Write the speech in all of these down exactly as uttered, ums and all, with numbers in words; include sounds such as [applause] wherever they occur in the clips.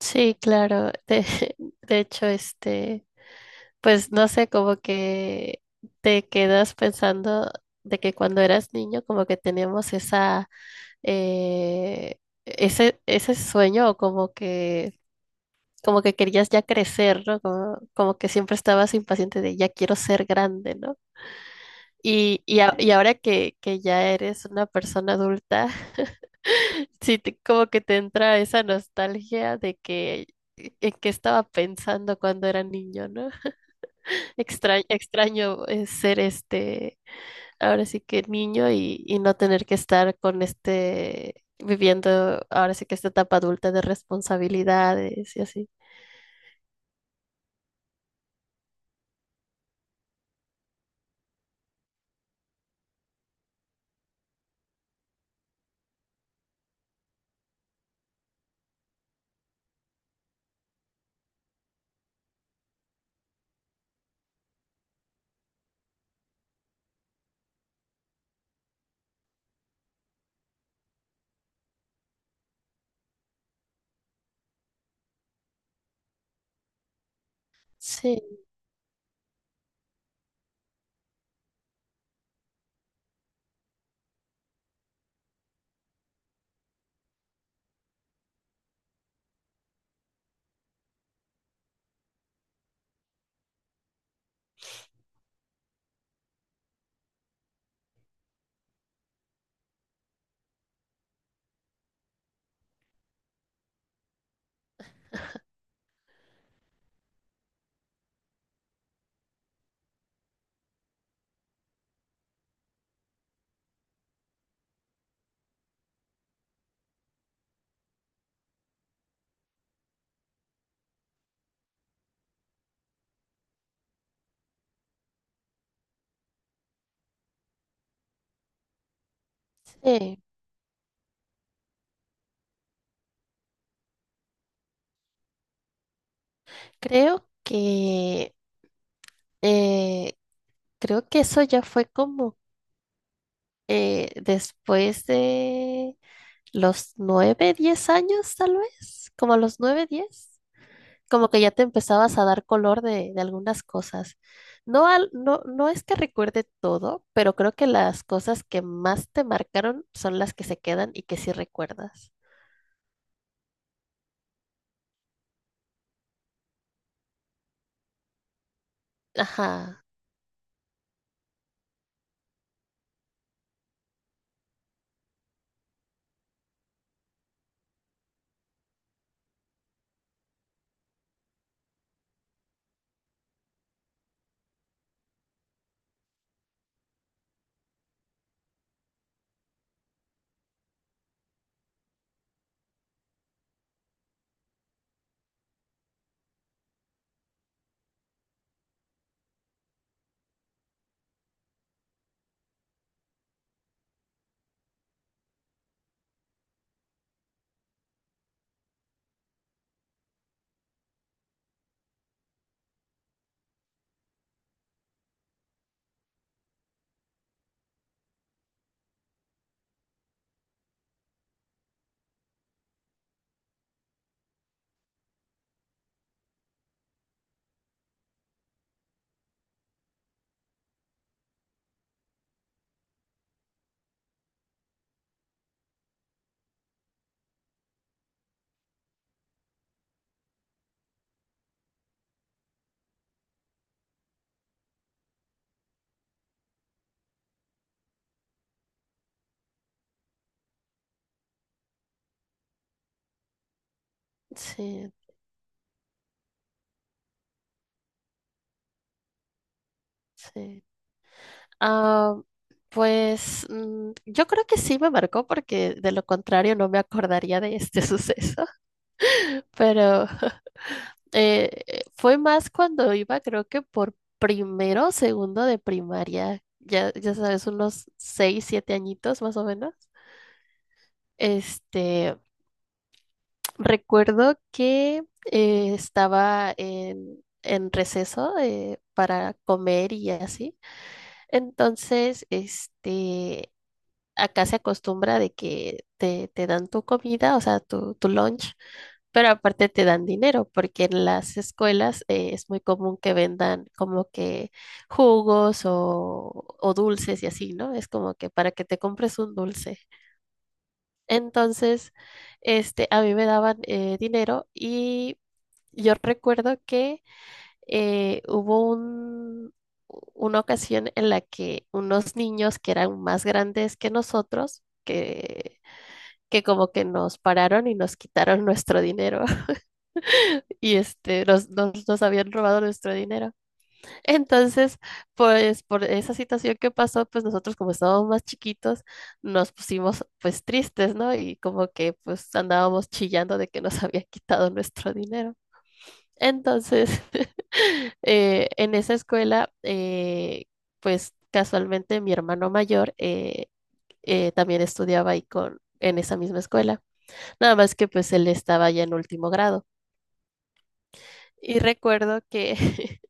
Sí, claro. De, [laughs] de hecho, este, pues no sé, como que te quedas pensando de que cuando eras niño, como que teníamos esa, eh, ese, ese sueño, o como que, como que querías ya crecer, ¿no? Como, como que siempre estabas impaciente de ya quiero ser grande, ¿no? Y, y, a- y ahora que, que ya eres una persona adulta, sí, te- como que te entra esa nostalgia de que e, en qué estaba pensando cuando era niño, ¿no? [laughs] Extraño, extraño eh, ser este, ahora sí que niño y, y no tener que estar con este, viviendo ahora sí que esta etapa adulta de responsabilidades y así. Sí, sí. Creo que, eh, creo que eso ya fue como eh, después de los nueve, diez años, tal vez, como a los nueve, diez, como que ya te empezabas a dar color de, de algunas cosas. No, al- no, no es que recuerde todo, pero creo que las cosas que más te marcaron son las que se quedan y que sí recuerdas. Ajá, sí, sí. Ah, pues mm, yo creo que sí me marcó porque de lo contrario no me acordaría de este [laughs] suceso, pero. Eh, eh, fue más cuando iba, creo que por primero o segundo de primaria, ya, ya sabes, unos seis, siete añitos más o menos. Este, recuerdo que eh, estaba en, en receso eh, para comer y así. Entonces, este, acá se acostumbra de que te, te dan tu comida, o sea, tu, tu lunch, pero aparte te dan dinero, porque en las escuelas eh, es muy común que vendan como que jugos o, o dulces y así, ¿no? Es como que para que te compres un dulce. Entonces, este, a mí me daban eh, dinero y yo recuerdo que eh, hubo un- una ocasión en la que unos niños que eran más grandes que nosotros, que, que como que nos pararon y nos quitaron nuestro dinero [laughs] y este, nos, nos, nos habían robado nuestro dinero. Entonces, pues por esa situación que pasó, pues nosotros como estábamos más chiquitos, nos pusimos pues tristes, ¿no? Y como que pues andábamos chillando de que nos [laughs] habían quitado nuestro dinero. Entonces, [laughs] eh, en esa escuela, eh, pues casualmente mi hermano mayor eh, eh, también estudiaba ahí con, en esa misma escuela, nada más que pues él estaba ya en último grado. Y recuerdo que, [laughs]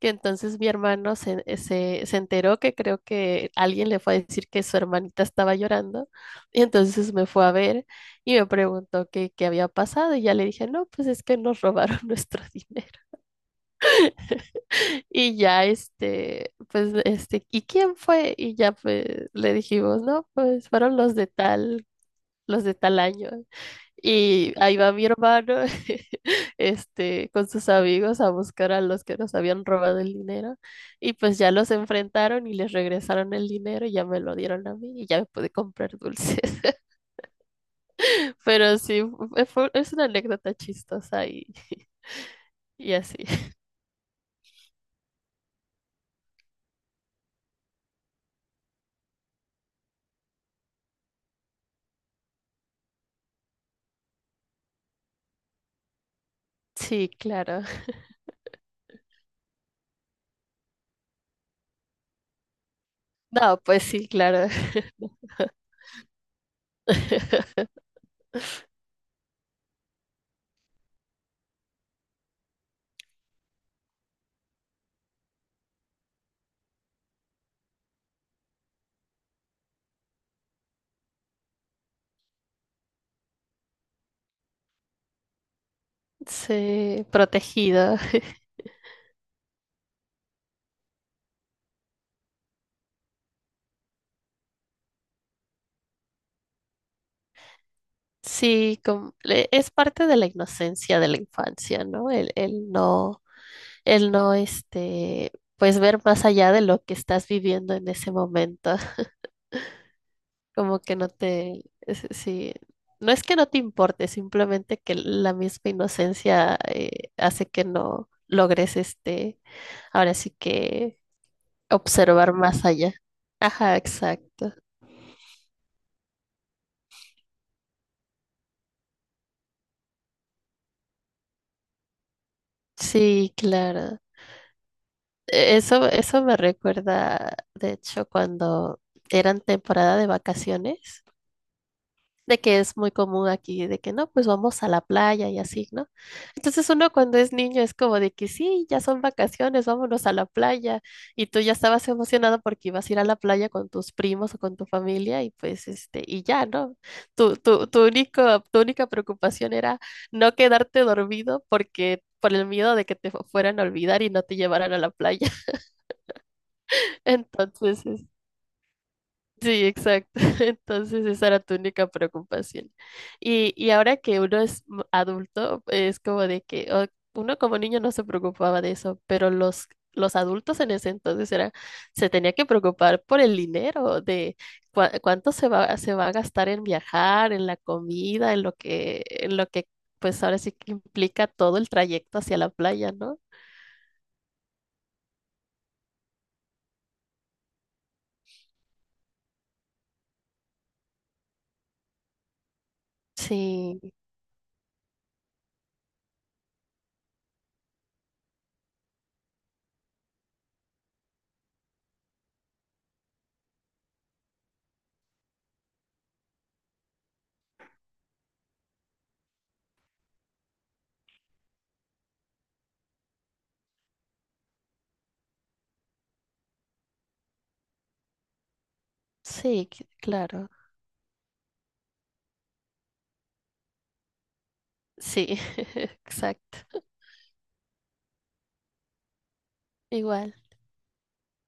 que entonces mi hermano se, se, se enteró que creo que alguien le fue a decir que su hermanita estaba llorando y entonces me fue a ver y me preguntó qué qué había pasado y ya le dije, no, pues es que nos robaron [laughs] nuestro dinero. Y ya, este, pues, este, ¿y quién fue? Y ya, pues, le dijimos, no, pues, fueron los de tal, los de tal año. Y ahí va mi hermano, [laughs] este, con sus amigos a buscar a los que nos habían robado el dinero. Y pues ya los enfrentaron y les regresaron el dinero y ya me lo dieron a mí y ya me pude comprar dulces. [laughs] Pero sí, fue- fue- es una anécdota chistosa y, [laughs] y así. Sí, claro. No, pues sí, claro. [laughs] Sí, protegida. [laughs] Sí, com- le- es parte de la inocencia de la infancia, ¿no? El, el no, el no, este, pues ver más allá de lo que estás viviendo en ese momento, [laughs] como que no te, es- sí, no es que no te importe, simplemente que la misma inocencia eh, hace que no logres, este, ahora sí que observar más allá. Ajá, exacto. Sí, claro. e-, Eso, eso me recuerda, de hecho, cuando eran temporada de vacaciones, de que es muy común aquí, de que no, pues vamos a la playa y así, ¿no? Entonces uno cuando es niño es como de que sí, ya son vacaciones, vámonos a la playa. Y tú ya estabas emocionado porque ibas a ir a la playa con tus primos o con tu familia y pues este, y ya, ¿no? Tu, tu, tu único, tu única preocupación era no quedarte dormido porque por el miedo de que te fueran a olvidar y no te llevaran a la playa. Entonces, es- sí, exacto. [laughs] Entonces esa era tu única preocupación. Y, y ahora que uno es m- adulto, es como de que o- uno como niño no se preocupaba de eso, pero los, los adultos en ese entonces era, se tenía que preocupar por el dinero, de cua- cuánto se va, se va a gastar en viajar, en la comida, en lo que, en lo que, pues ahora sí que implica todo el trayecto hacia la playa, ¿no? Sí, sí, claro. Sí, [laughs] exacto. Igual.